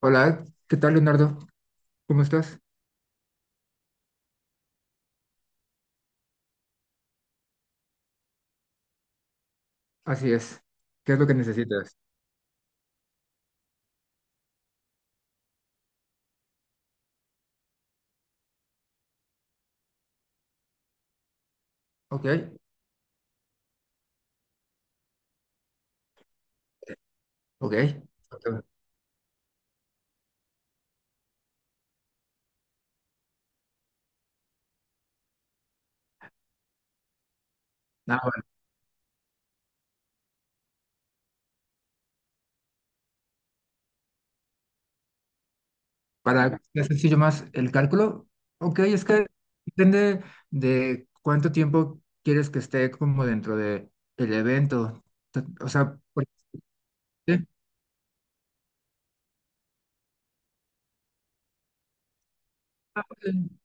Hola, ¿qué tal, Leonardo? ¿Cómo estás? Así es. ¿Qué es lo que necesitas? Ok, ok, ok. Bueno, para que sea sencillo más el cálculo. Ok, es que depende de cuánto tiempo quieres que esté como dentro de el evento. T- O sea, por- ¿Sí?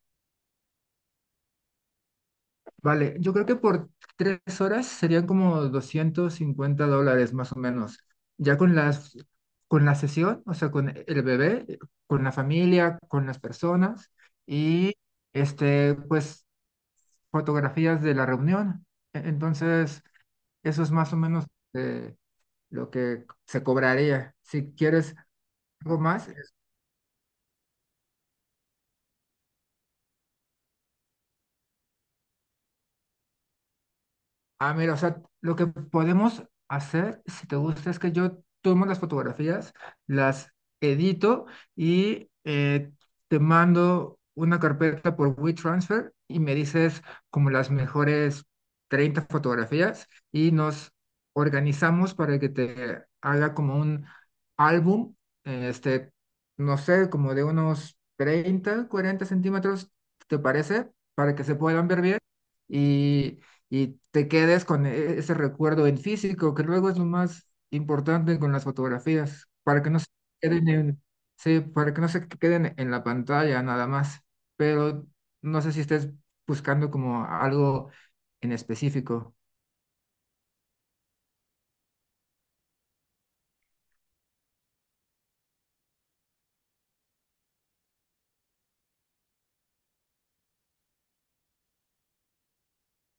Vale, yo creo que por 3 horas serían como $250 más o menos. Ya con la sesión, o sea, con el bebé, con la familia, con las personas y este, pues, fotografías de la reunión. Entonces, eso es más o menos, eh, lo que se cobraría. Si quieres algo más. Ah, mira, o sea, lo que podemos hacer, si te gusta, es que yo tomo las fotografías, las edito y, te mando una carpeta por WeTransfer y me dices como las mejores 30 fotografías y nos organizamos para que te haga como un álbum, eh, este, no sé, como de unos 30 40 cm. ¿Te parece? Para que se puedan ver bien. Y y te quedes con ese recuerdo en físico, que luego es lo más importante con las fotografías, para que no se queden sí, para que no se queden en la pantalla nada más. Pero no sé si estés buscando como algo en específico.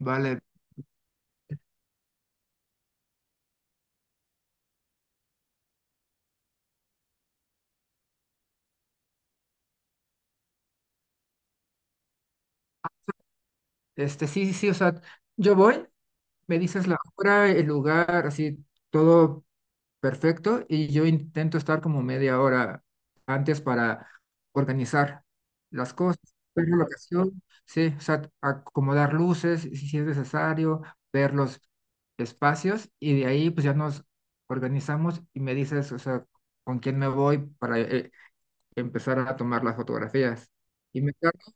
Vale, este sí, sí, o sea, yo voy, me dices la hora, el lugar, así todo perfecto y yo intento estar como media hora antes para organizar las cosas, ver la locación, sí, o sea, acomodar luces si es necesario, ver los espacios y de ahí pues ya nos organizamos y me dices, o sea, con quién me voy para, empezar a tomar las fotografías. Y me encargo-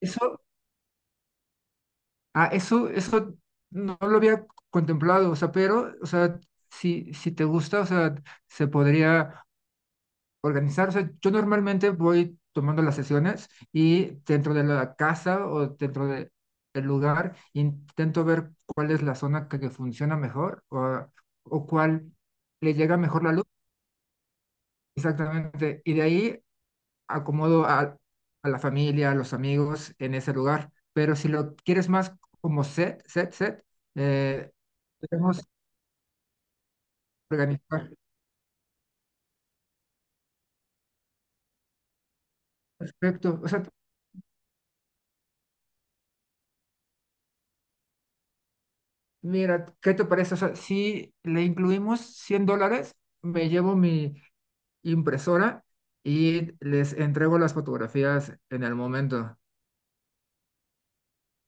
Eso, ah, eso no lo había contemplado, o sea. Pero, o sea, si te gusta, o sea, se podría organizar. O sea, yo normalmente voy tomando las sesiones y dentro de la casa o dentro de el lugar intento ver cuál es la zona que funciona mejor, o cuál le llega mejor la luz. Exactamente. Y de ahí acomodo a la familia, a los amigos en ese lugar. Pero si lo quieres más como set, set, set, eh, podemos organizar. Perfecto. O sea, mira, ¿qué te parece? O sea, si le incluimos $100, me llevo mi impresora y les entrego las fotografías en el momento.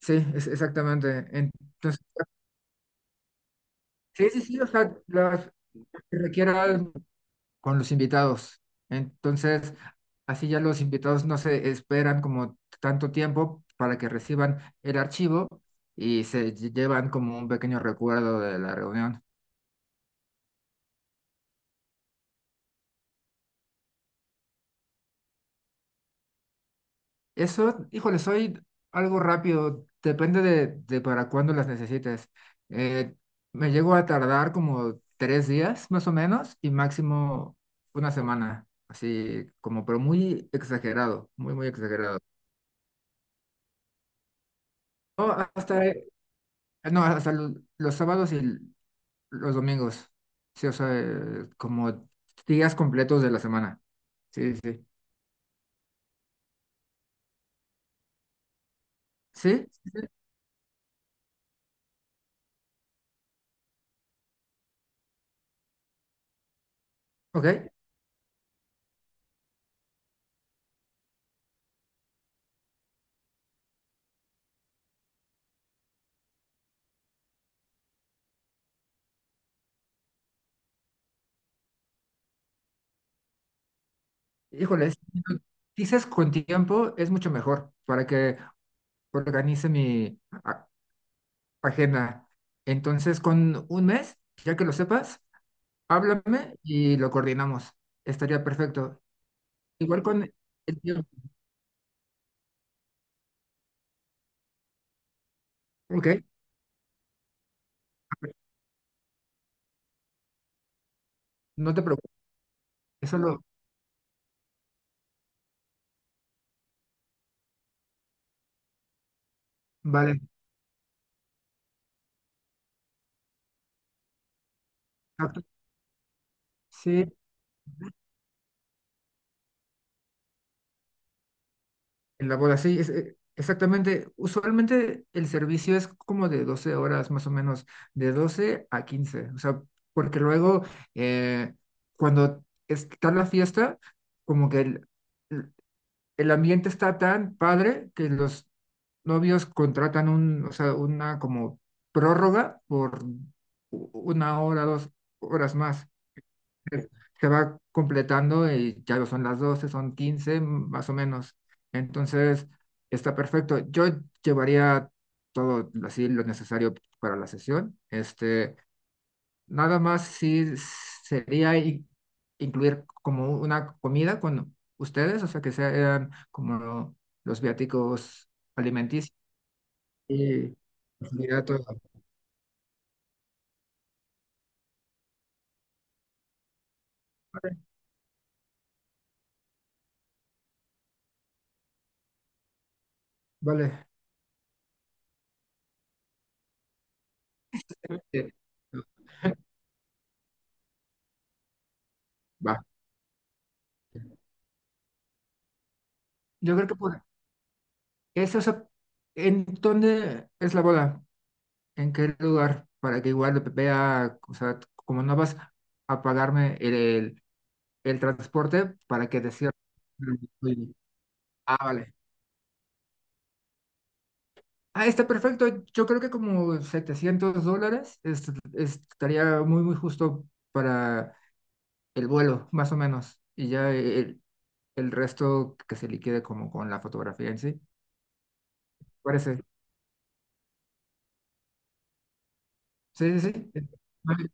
Sí, es exactamente. Entonces, sí, sí, sí, o sea, las que requieran con los invitados. Entonces, así ya los invitados no se esperan como tanto tiempo para que reciban el archivo y se llevan como un pequeño recuerdo de la reunión. Eso, híjole, soy algo rápido, depende de para cuándo las necesites. Eh, me llego a tardar como 3 días más o menos y máximo una semana, así como, pero muy exagerado, muy, muy exagerado. No, hasta, no, hasta los sábados y los domingos, sí, o sea, como días completos de la semana. Sí, sí. ¿Sí? ¿Sí? Ok. Híjole, sí, dices con tiempo es mucho mejor para que organice mi agenda. Entonces, con un mes, ya que lo sepas, háblame y lo coordinamos. Estaría perfecto. Igual con el tiempo. Ok, no te preocupes. Eso lo vale. Exacto. Sí, en la boda, sí, exactamente. Usualmente el servicio es como de 12 horas más o menos, de 12 a 15. O sea, porque luego, eh, cuando está la fiesta, como que el- el ambiente está tan padre que los novios contratan un, o sea, una como prórroga por una hora, 2 horas más. Se se va completando y ya no son las 12, son 15 más o menos. Entonces, está perfecto. Yo llevaría todo así lo necesario para la sesión. Este, nada más sí sería incluir como una comida con ustedes, o sea, que sean como los viáticos alimenticios y comida toda. Vale, vale. Este, va. Yo creo que por eso, o sea, ¿en dónde es la boda? ¿En qué lugar? Para que igual vea, o sea, como no vas a pagarme el transporte, para que te cierre. Ah, vale. Ah, está perfecto. Yo creo que como $700 estaría muy, muy justo para el vuelo, más o menos. Y ya el resto que se liquide como con la fotografía en sí. Parece. Sí, sí, sí. Vale,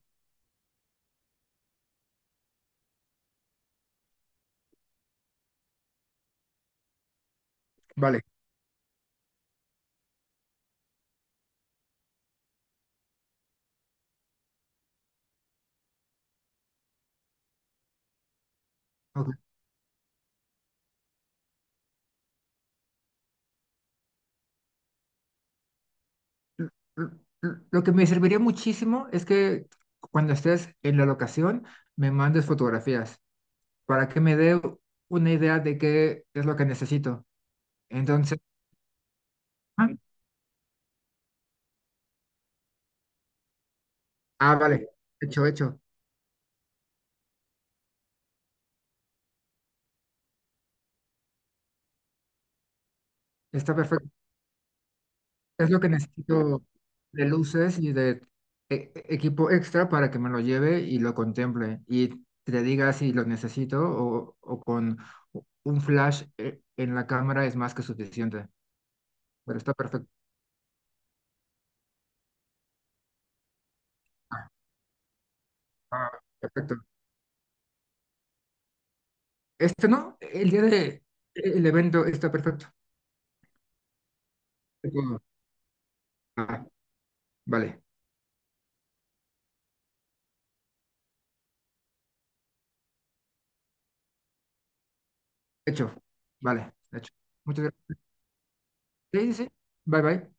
vale, ok. L- Lo que me serviría muchísimo es que cuando estés en la locación me mandes fotografías para que me dé una idea de qué es lo que necesito. Entonces, ah, ah, vale. Hecho, hecho. Está perfecto. Es lo que necesito de luces y de equipo extra para que me lo lleve y lo contemple y te diga si lo necesito, o con un flash en la cámara es más que suficiente. Pero está perfecto. Ah, ah, perfecto. Este no, el día de el evento está perfecto. Todo. Ah, vale, hecho. Vale, hecho. Muchas gracias. Sí, sí, sí. Bye, bye.